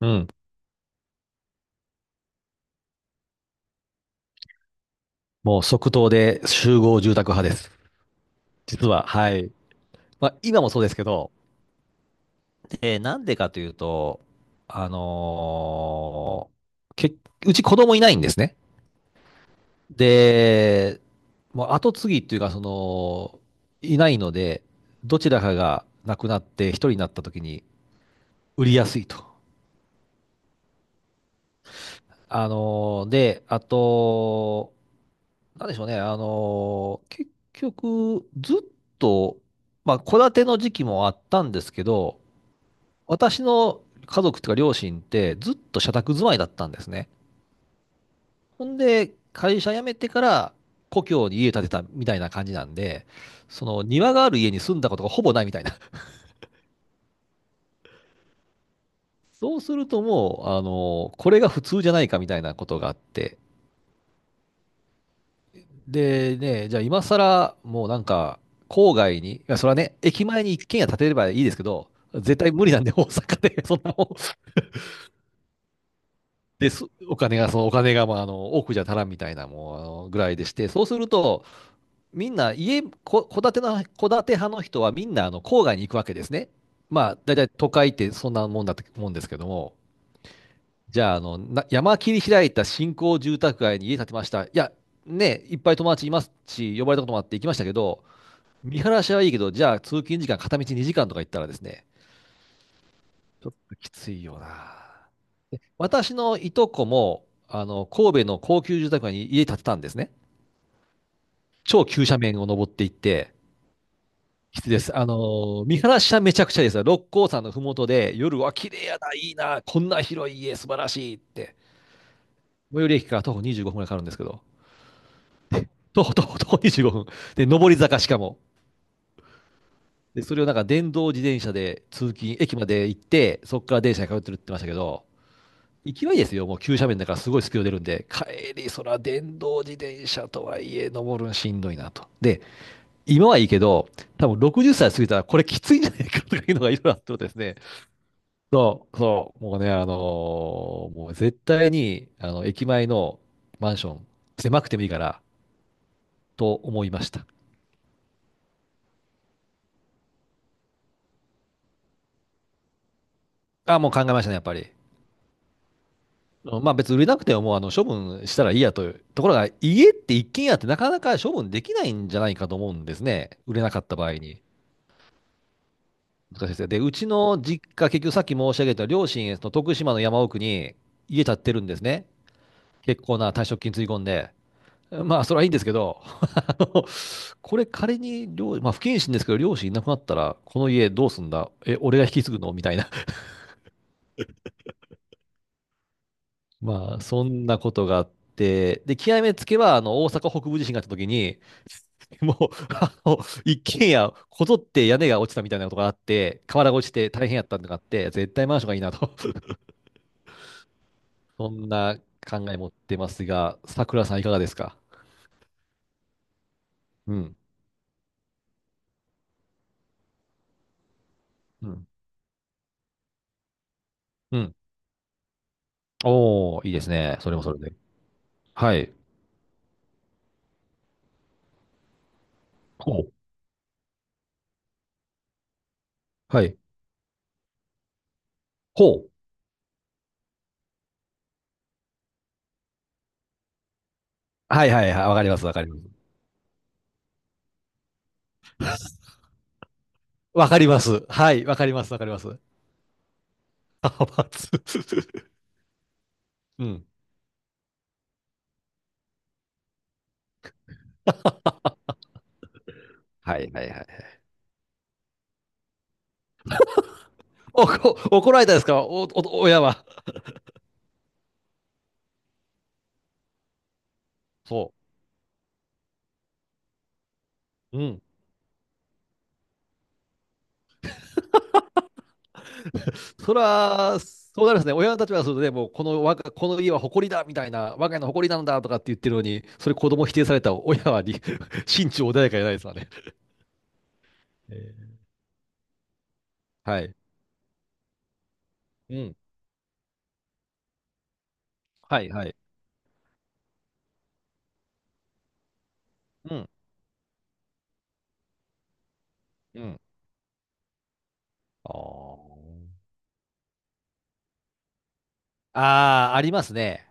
うん。もう即答で集合住宅派です。実は、はい。まあ、今もそうですけど、なんでかというと、あのーけ、うち子供いないんですね。で、もう後継ぎっていうか、いないので、どちらかが亡くなって一人になった時に売りやすいと。で、あと、なんでしょうね。結局、ずっと、まあ、戸建ての時期もあったんですけど、私の家族というか両親ってずっと社宅住まいだったんですね。ほんで、会社辞めてから故郷に家建てたみたいな感じなんで、その庭がある家に住んだことがほぼないみたいな。そうするともう、これが普通じゃないかみたいなことがあって、でね、じゃあ今更、もうなんか、郊外に、いや、それはね、駅前に一軒家建てればいいですけど、絶対無理なんで、大阪で、そんなもん、です、お金が、そのお金が、まあ、多くじゃ足らんみたいな、もう、ぐらいでして、そうすると、みんな、戸建て派の人は、みんな、郊外に行くわけですね。まあ、だいたい都会ってそんなもんだと思うんですけども、じゃあ、山切り開いた新興住宅街に家建てました。いや、ね、いっぱい友達いますし、呼ばれたこともあって行きましたけど、見晴らしはいいけど、じゃあ通勤時間片道2時間とか行ったらですね、ちょっときついよな。私のいとこも、神戸の高級住宅街に家建てたんですね。超急斜面を登っていって、きついです。見晴らしはめちゃくちゃですよ。六甲山のふもとで、夜は綺麗やな、いいな、こんな広い家、素晴らしいって。最寄り駅から徒歩25分くらいかかるんですけど、徒歩、徒歩、徒歩25分。で、上り坂しかも。で、それをなんか電動自転車で通勤、駅まで行って、そこから電車に通ってるって言ってましたけど、勢いですよ。もう急斜面だからすごいスピード出るんで、帰り、そら電動自転車とはいえ、登るんしんどいなと。で、今はいいけど、多分60歳過ぎたらこれきついんじゃないかとかいうのがいろいろあってことですね。そう、そう、もうね、もう絶対に、駅前のマンション、狭くてもいいから、と思いました。あ、もう考えましたね、やっぱり。うんまあ別に売れなくてももう処分したらいいやという。ところが家って一軒家ってなかなか処分できないんじゃないかと思うんですね。売れなかった場合に。難しいですね。で、うちの実家、結局さっき申し上げた両親、その徳島の山奥に家建ってるんですね。結構な退職金つぎ込んで。まあ、それはいいんですけど、あのこれ仮にまあ、不謹慎ですけど、両親いなくなったら、この家どうすんだえ、俺が引き継ぐのみたいな。まあ、そんなことがあって、で、極めつけは、大阪北部地震があった時に、もう、あの、一軒家、こぞって屋根が落ちたみたいなことがあって、瓦が落ちて大変やったのがあって、絶対マンションがいいなと。そんな考え持ってますが、さくらさんいかがですか？うん。うん。うん。おー、いいですね。それもそれで。はい。ほう。はい。ほう。はいはいはい。わかります。わかります。わかります。はい。わかります。わかります。派閥。 うん。はいはいはい。怒られたですか？親は。そう。うん。そら、そうなりますね。親たちはそれで、もう、この家は誇りだみたいな、我が家の誇りなんだとかって言ってるのに、それ子供否定されたら親はり 心中穏やかじゃないですわね。えーはい。うん。はい、はい。うん。うん。あーあー、ありますね。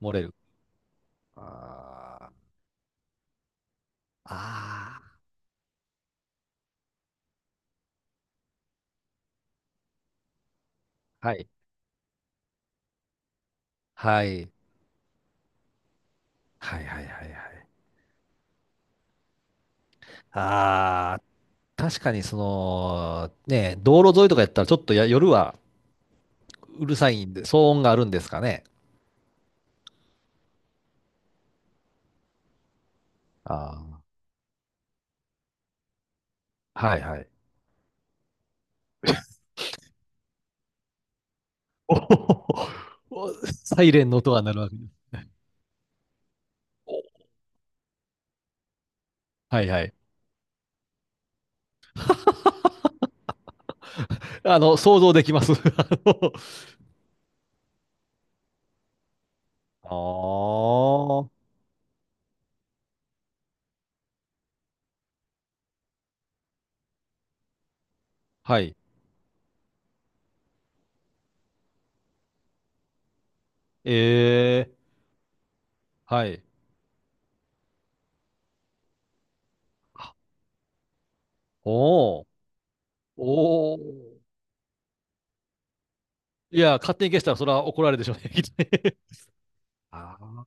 漏れる。あーあー、はい。はい。はい、はい、はい、はい。ああ、確かにね、道路沿いとかやったらちょっとや夜はうるさいんで、騒音があるんですかね。ああ。はいはい。おおお。サイレンの音が鳴るわけです。はいはい。想像できます。あー、はい。ええ、はい。あ、おお、おお。いや、勝手に消したらそれは怒られるでしょうね、きっとね。ああ、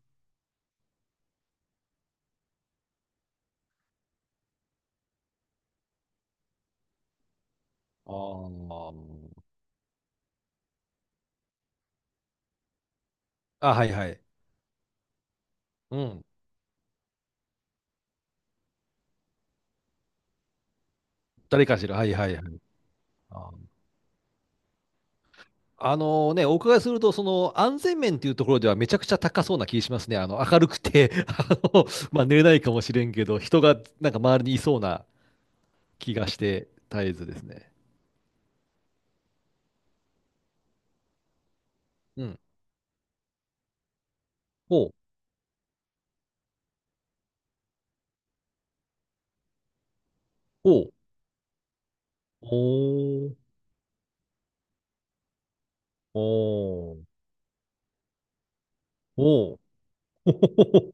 あーあ、はいはい。うん。誰かしら。はいはいはい。あのね、お伺いすると、その安全面っていうところではめちゃくちゃ高そうな気しますね。明るくて の、まあ、寝れないかもしれんけど、人がなんか周りにいそうな気がして、絶えずですね。うん。ほう、ほう、ほう、ほう、ほう、ほ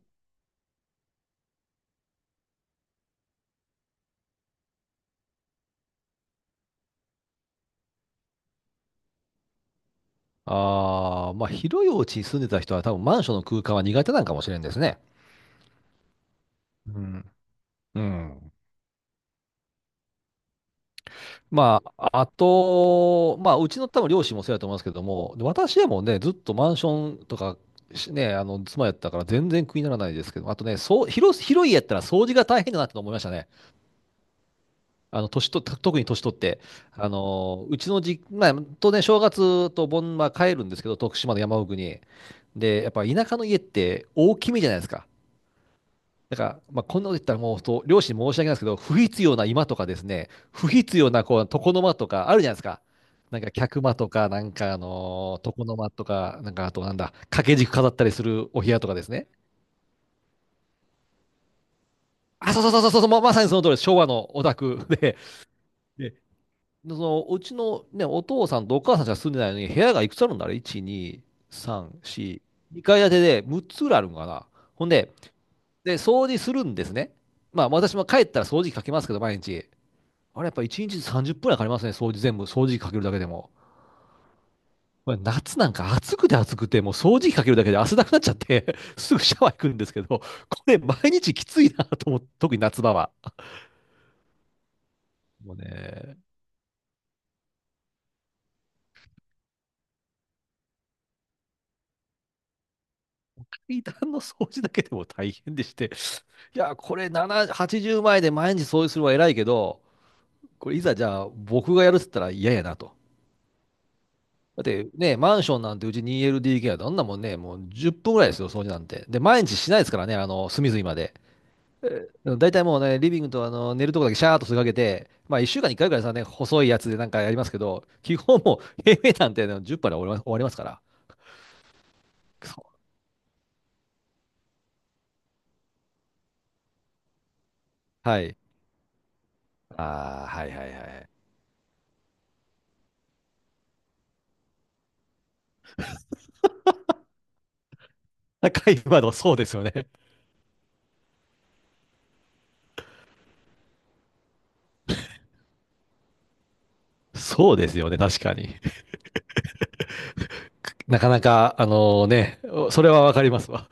あ。あまあ、広いお家に住んでた人は多分マンションの空間は苦手なんかもしれんですね。うん。うん。まあ、あと、まあ、うちの多分両親もそうやと思いますけども、で私はもうね、ずっとマンションとかね、妻やったから全然苦にならないですけど、あとね、そう、広い家やったら掃除が大変だなって思いましたね。年と、た特に年取って。うちのじ、まあ、当然正月と盆は帰るんですけど、徳島の山奥に。で、やっぱ田舎の家って大きめじゃないですか。だから、まあ、こんなこと言ったらもう本当、両親に申し訳ないですけど、不必要な居間とかですね、不必要な床の間とかあるじゃないですか。なんか客間とか、なんか床の間とか、なんかあとなんだ、掛け軸飾ったりするお部屋とかですね。あ、そうそうそうそうそう、まさにその通りです、昭和のオタクで、で、そのうちのね、お父さんとお母さんしか住んでないのに、部屋がいくつあるんだろう？ 1、2、3、4、2階建てで6つぐらいあるのかな。ほんで、掃除するんですね。まあ私も帰ったら掃除機かけますけど、毎日。あれやっぱ1日30分はかかりますね、掃除全部、掃除機かけるだけでも。これ夏なんか暑くて暑くて、もう掃除機かけるだけで汗だくなっちゃって すぐシャワー行くんですけど、これ毎日きついなと思って、特に夏場は。もうね、階段の掃除だけでも大変でして、いや、これ7、80枚で毎日掃除するのは偉いけど、これいざじゃあ僕がやるって言ったら嫌やなと。だってね、マンションなんてうち 2LDK はどんなもんね、もう10分ぐらいですよ、掃除なんて。で、毎日しないですからね、隅々まで。うん大体もうね、リビングとあの寝るとこだけシャーっとすがけて、まあ1週間に1回ぐらいさ、ね、細いやつでなんかやりますけど、基本もう平米なんてね10杯で終わります終わりますから。そう、はい。ああ、はいはいはい。高い窓、そうですよね。そうですよね、確かに。なかなか、あのね、それはわかりますわ。